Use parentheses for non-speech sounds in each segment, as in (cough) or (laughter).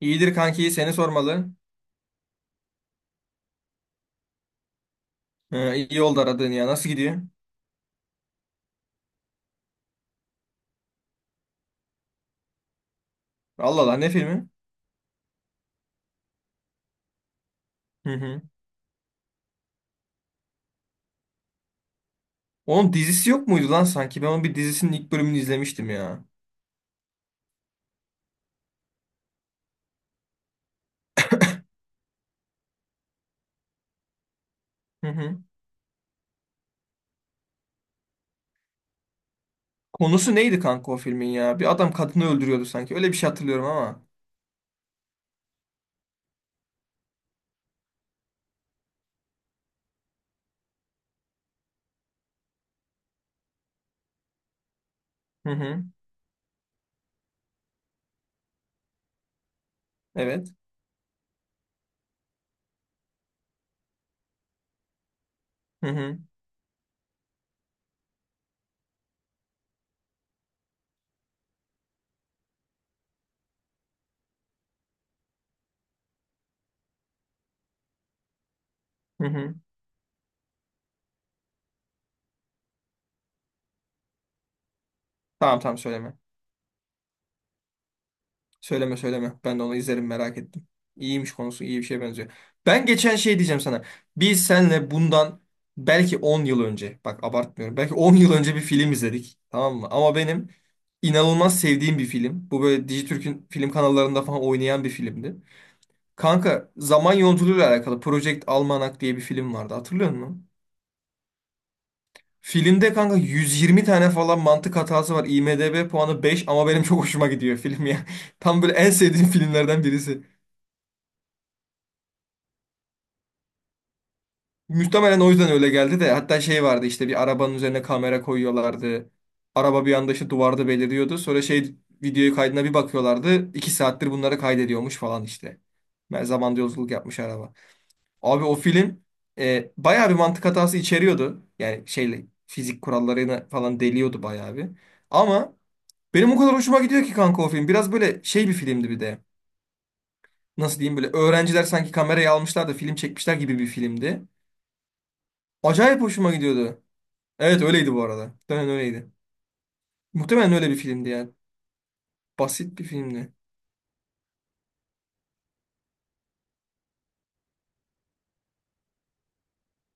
İyidir kanki seni sormalı. Ha, iyi oldu aradığın ya. Nasıl gidiyor? Allah Allah ne filmi? Hı hı. Onun dizisi yok muydu lan sanki? Ben onun bir dizisinin ilk bölümünü izlemiştim ya. Hı hı. Konusu neydi kanka o filmin ya? Bir adam kadını öldürüyordu sanki. Öyle bir şey hatırlıyorum ama. Hı hı. Evet. Hı hı. Hı hı. Tamam tamam, söyleme. Söyleme söyleme. Ben de onu izlerim, merak ettim. İyiymiş, konusu iyi bir şeye benziyor. Ben geçen şey diyeceğim sana. Biz senle bundan belki 10 yıl önce, bak abartmıyorum, belki 10 yıl önce bir film izledik. Tamam mı? Ama benim inanılmaz sevdiğim bir film. Bu böyle Dijitürk'ün film kanallarında falan oynayan bir filmdi. Kanka, zaman yolculuğuyla alakalı Project Almanac diye bir film vardı. Hatırlıyor musun? Filmde kanka 120 tane falan mantık hatası var. IMDb puanı 5 ama benim çok hoşuma gidiyor film ya. (laughs) Tam böyle en sevdiğim filmlerden birisi. Muhtemelen o yüzden öyle geldi de, hatta şey vardı işte, bir arabanın üzerine kamera koyuyorlardı. Araba bir anda işte duvarda beliriyordu. Sonra şey, videoyu kaydına bir bakıyorlardı. 2 saattir bunları kaydediyormuş falan işte. Ben zamanda yolculuk yapmış araba. Abi o film bayağı bir mantık hatası içeriyordu. Yani şeyle fizik kurallarını falan deliyordu bayağı bir. Ama benim o kadar hoşuma gidiyor ki kanka o film. Biraz böyle şey bir filmdi bir de. Nasıl diyeyim, böyle öğrenciler sanki kamerayı almışlar da film çekmişler gibi bir filmdi. Acayip hoşuma gidiyordu. Evet öyleydi bu arada. Muhtemelen öyleydi. Muhtemelen öyle bir filmdi yani. Basit bir filmdi.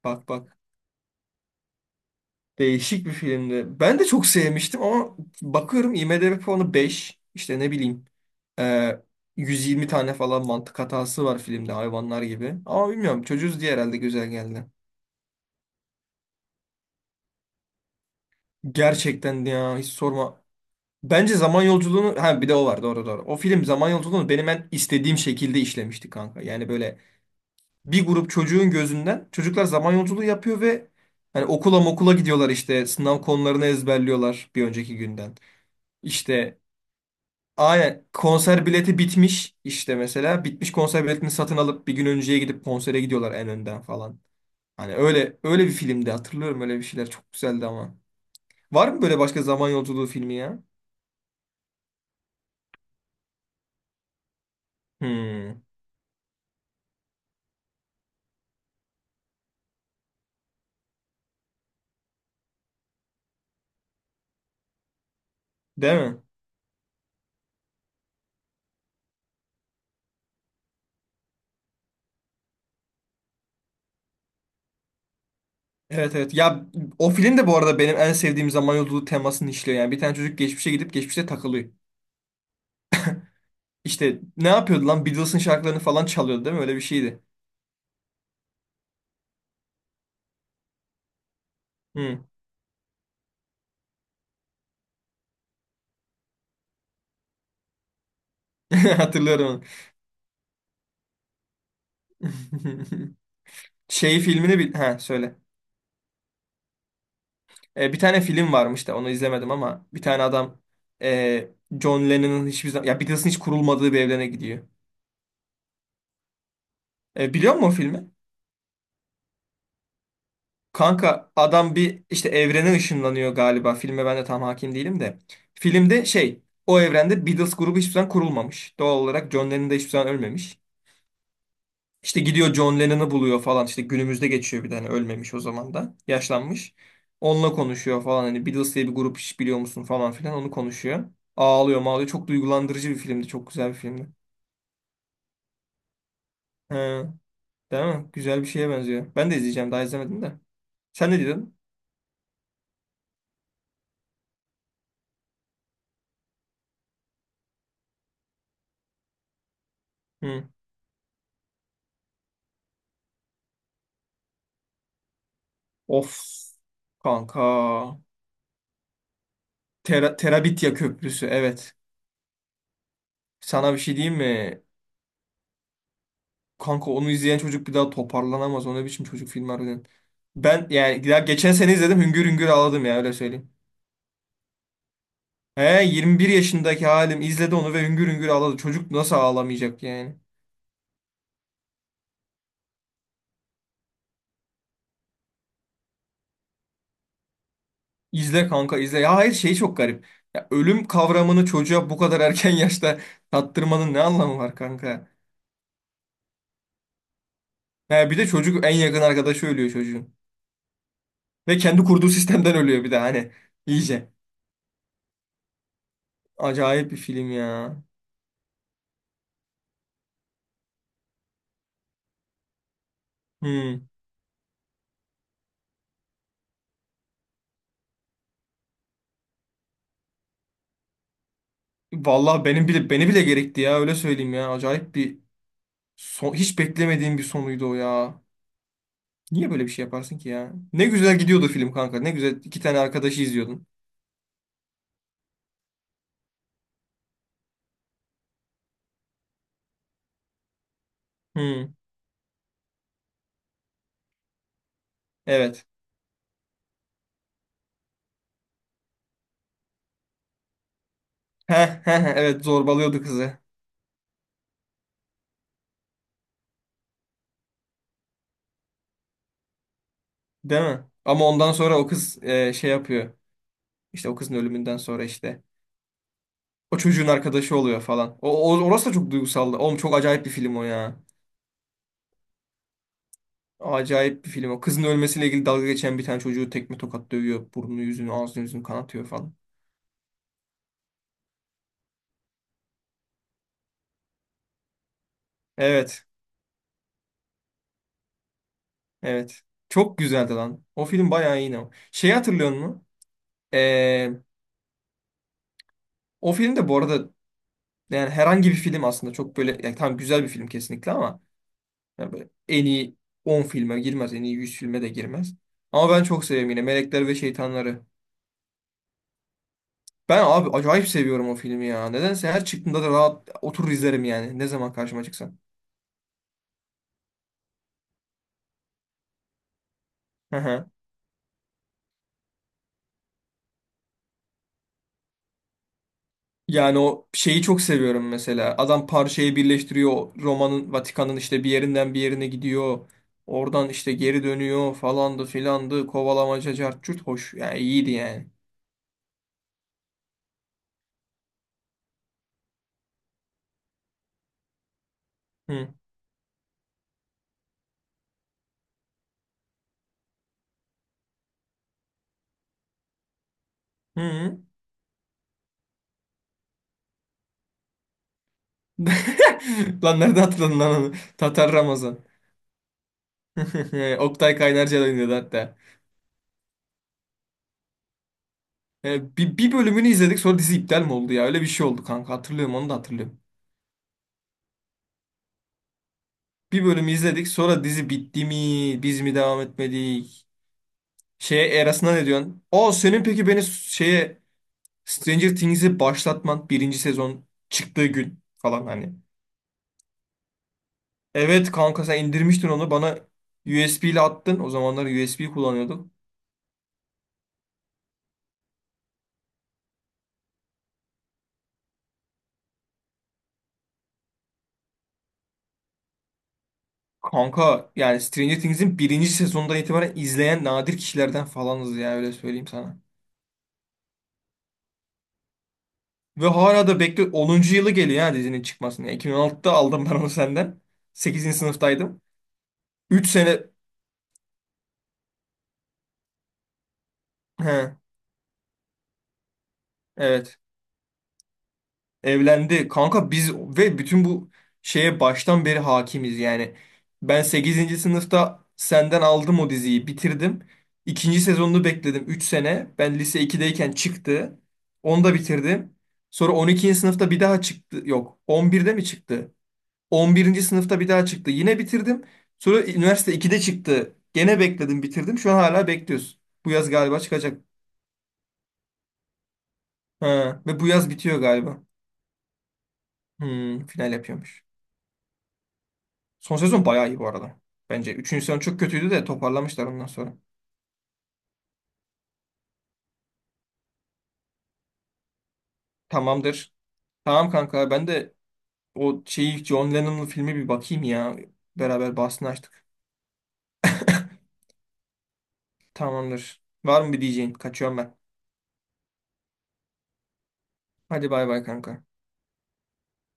Bak bak. Değişik bir filmdi. Ben de çok sevmiştim ama bakıyorum IMDb puanı 5. İşte ne bileyim. e, 120 tane falan mantık hatası var filmde hayvanlar gibi. Ama bilmiyorum, çocuğuz diye herhalde güzel geldi. Gerçekten ya, hiç sorma. Bence zaman yolculuğunu, ha bir de o var, doğru doğru. O film zaman yolculuğunu benim en istediğim şekilde işlemişti kanka. Yani böyle bir grup çocuğun gözünden çocuklar zaman yolculuğu yapıyor ve hani okula mokula gidiyorlar, işte sınav konularını ezberliyorlar bir önceki günden. İşte aynen, konser bileti bitmiş işte mesela, bitmiş konser biletini satın alıp bir gün önceye gidip konsere gidiyorlar en önden falan. Hani öyle öyle bir filmdi hatırlıyorum, öyle bir şeyler çok güzeldi ama. Var mı böyle başka zaman yolculuğu filmi ya? Hmm, değil mi? Evet evet. Ya, o film de bu arada benim en sevdiğim zaman yolculuğu temasını işliyor. Yani bir tane çocuk geçmişe gidip geçmişte takılıyor. İşte ne yapıyordu lan? Beatles'ın şarkılarını falan çalıyordu değil mi? Öyle bir şeydi. Hı. (laughs) Hatırlıyorum onu. (laughs) Şey filmini bil... Ha, söyle. E, bir tane film varmış da onu izlemedim ama bir tane adam e, John Lennon'ın hiçbir zaman... Ya, Beatles'ın hiç kurulmadığı bir evrene gidiyor. E, biliyor musun o filmi? Kanka, adam bir işte evrene ışınlanıyor galiba. Filme ben de tam hakim değilim de. Filmde şey, o evrende Beatles grubu hiçbir zaman kurulmamış. Doğal olarak John Lennon da hiçbir zaman ölmemiş. İşte gidiyor, John Lennon'ı buluyor falan. İşte günümüzde geçiyor, bir tane ölmemiş o zaman da. Yaşlanmış. Onunla konuşuyor falan. Hani Beatles diye bir grup hiç biliyor musun falan filan, onu konuşuyor. Ağlıyor mağlıyor. Çok duygulandırıcı bir filmdi. Çok güzel bir filmdi. He, değil mi? Güzel bir şeye benziyor. Ben de izleyeceğim. Daha izlemedim de. Sen ne diyordun? Hı. Of kanka. Terabitya Köprüsü. Evet. Sana bir şey diyeyim mi? Kanka, onu izleyen çocuk bir daha toparlanamaz. O ne biçim çocuk filmi harbiden. Ben yani daha geçen sene izledim. Hüngür hüngür ağladım ya, öyle söyleyeyim. He, 21 yaşındaki halim izledi onu ve hüngür hüngür ağladı. Çocuk nasıl ağlamayacak yani? İzle kanka, izle. Ya hayır, şey çok garip. Ya ölüm kavramını çocuğa bu kadar erken (laughs) yaşta tattırmanın ne anlamı var kanka? He, bir de çocuk, en yakın arkadaşı ölüyor çocuğun. Ve kendi kurduğu sistemden ölüyor bir de hani. İyice. Acayip bir film ya. Hmm. Vallahi benim bile, beni bile gerekti ya, öyle söyleyeyim ya. Acayip bir son, hiç beklemediğim bir sonuydu o ya. Niye böyle bir şey yaparsın ki ya? Ne güzel gidiyordu film kanka. Ne güzel iki tane arkadaşı izliyordun. Hmm, evet. Heh, heh, heh, evet, zorbalıyordu kızı. Değil mi? Ama ondan sonra o kız şey yapıyor. İşte o kızın ölümünden sonra işte. O çocuğun arkadaşı oluyor falan. Orası da çok duygusaldı. Oğlum, çok acayip bir film o ya. Acayip bir film o. Kızın ölmesiyle ilgili dalga geçen bir tane çocuğu tekme tokat dövüyor. Burnunu yüzünü, ağzını yüzünü kanatıyor falan. Evet. Evet. Çok güzeldi lan. O film bayağı iyi. Şeyi hatırlıyor musun? Ee, o film de bu arada, yani herhangi bir film aslında, çok böyle yani, tam güzel bir film kesinlikle ama yani böyle en iyi 10 filme girmez, en iyi 100 filme de girmez. Ama ben çok seviyorum yine Melekler ve Şeytanlar'ı. Ben abi acayip seviyorum o filmi ya. Nedense her çıktığında da rahat oturur izlerim yani. Ne zaman karşıma çıksa. Hı hı. Yani o şeyi çok seviyorum mesela. Adam parçayı birleştiriyor. Roma'nın, Vatikan'ın işte bir yerinden bir yerine gidiyor. Oradan işte geri dönüyor falandı filandı. Kovalamaca cart curt hoş. Yani iyiydi yani. Hı. Hı. (laughs) Lan, nerede hatırladın lan onu? Tatar Ramazan. (laughs) Oktay Kaynarca da oynuyordu hatta. Bir bölümünü izledik, sonra dizi iptal mi oldu ya? Öyle bir şey oldu kanka. Hatırlıyorum, onu da hatırlıyorum. Bir bölümü izledik, sonra dizi bitti mi? Biz mi devam etmedik? Şeye, Eras'ına ne diyorsun? O senin peki beni şeye, Stranger Things'i başlatman, birinci sezon çıktığı gün falan hani. Evet kanka, sen indirmiştin onu bana, USB ile attın. O zamanlar USB kullanıyorduk. Kanka yani Stranger Things'in birinci sezondan itibaren izleyen nadir kişilerden falanız ya, öyle söyleyeyim sana. Ve hala da bekle, 10. yılı geliyor ya dizinin çıkmasına. Yani 2016'da aldım ben onu senden. Sekizinci sınıftaydım. 3 sene. He, evet. Evlendi. Kanka biz ve bütün bu şeye baştan beri hakimiz yani. Ben sekizinci sınıfta senden aldım, o diziyi bitirdim. İkinci sezonunu bekledim 3 sene. Ben lise iki'deyken çıktı. Onu da bitirdim. Sonra 12. sınıfta bir daha çıktı. Yok, 11'de mi çıktı? 11. sınıfta bir daha çıktı. Yine bitirdim. Sonra üniversite iki'de çıktı. Gene bekledim, bitirdim. Şu an hala bekliyoruz. Bu yaz galiba çıkacak. Ha. Ve bu yaz bitiyor galiba. Hmm, final yapıyormuş. Son sezon bayağı iyi bu arada. Bence. Üçüncü sezon çok kötüydü de toparlamışlar ondan sonra. Tamamdır. Tamam kanka, ben de o şeyi, John Lennon'ın filmi, bir bakayım ya. Beraber bahsini açtık. Tamamdır. Var mı bir diyeceğin? Kaçıyorum ben. Hadi bay bay kanka.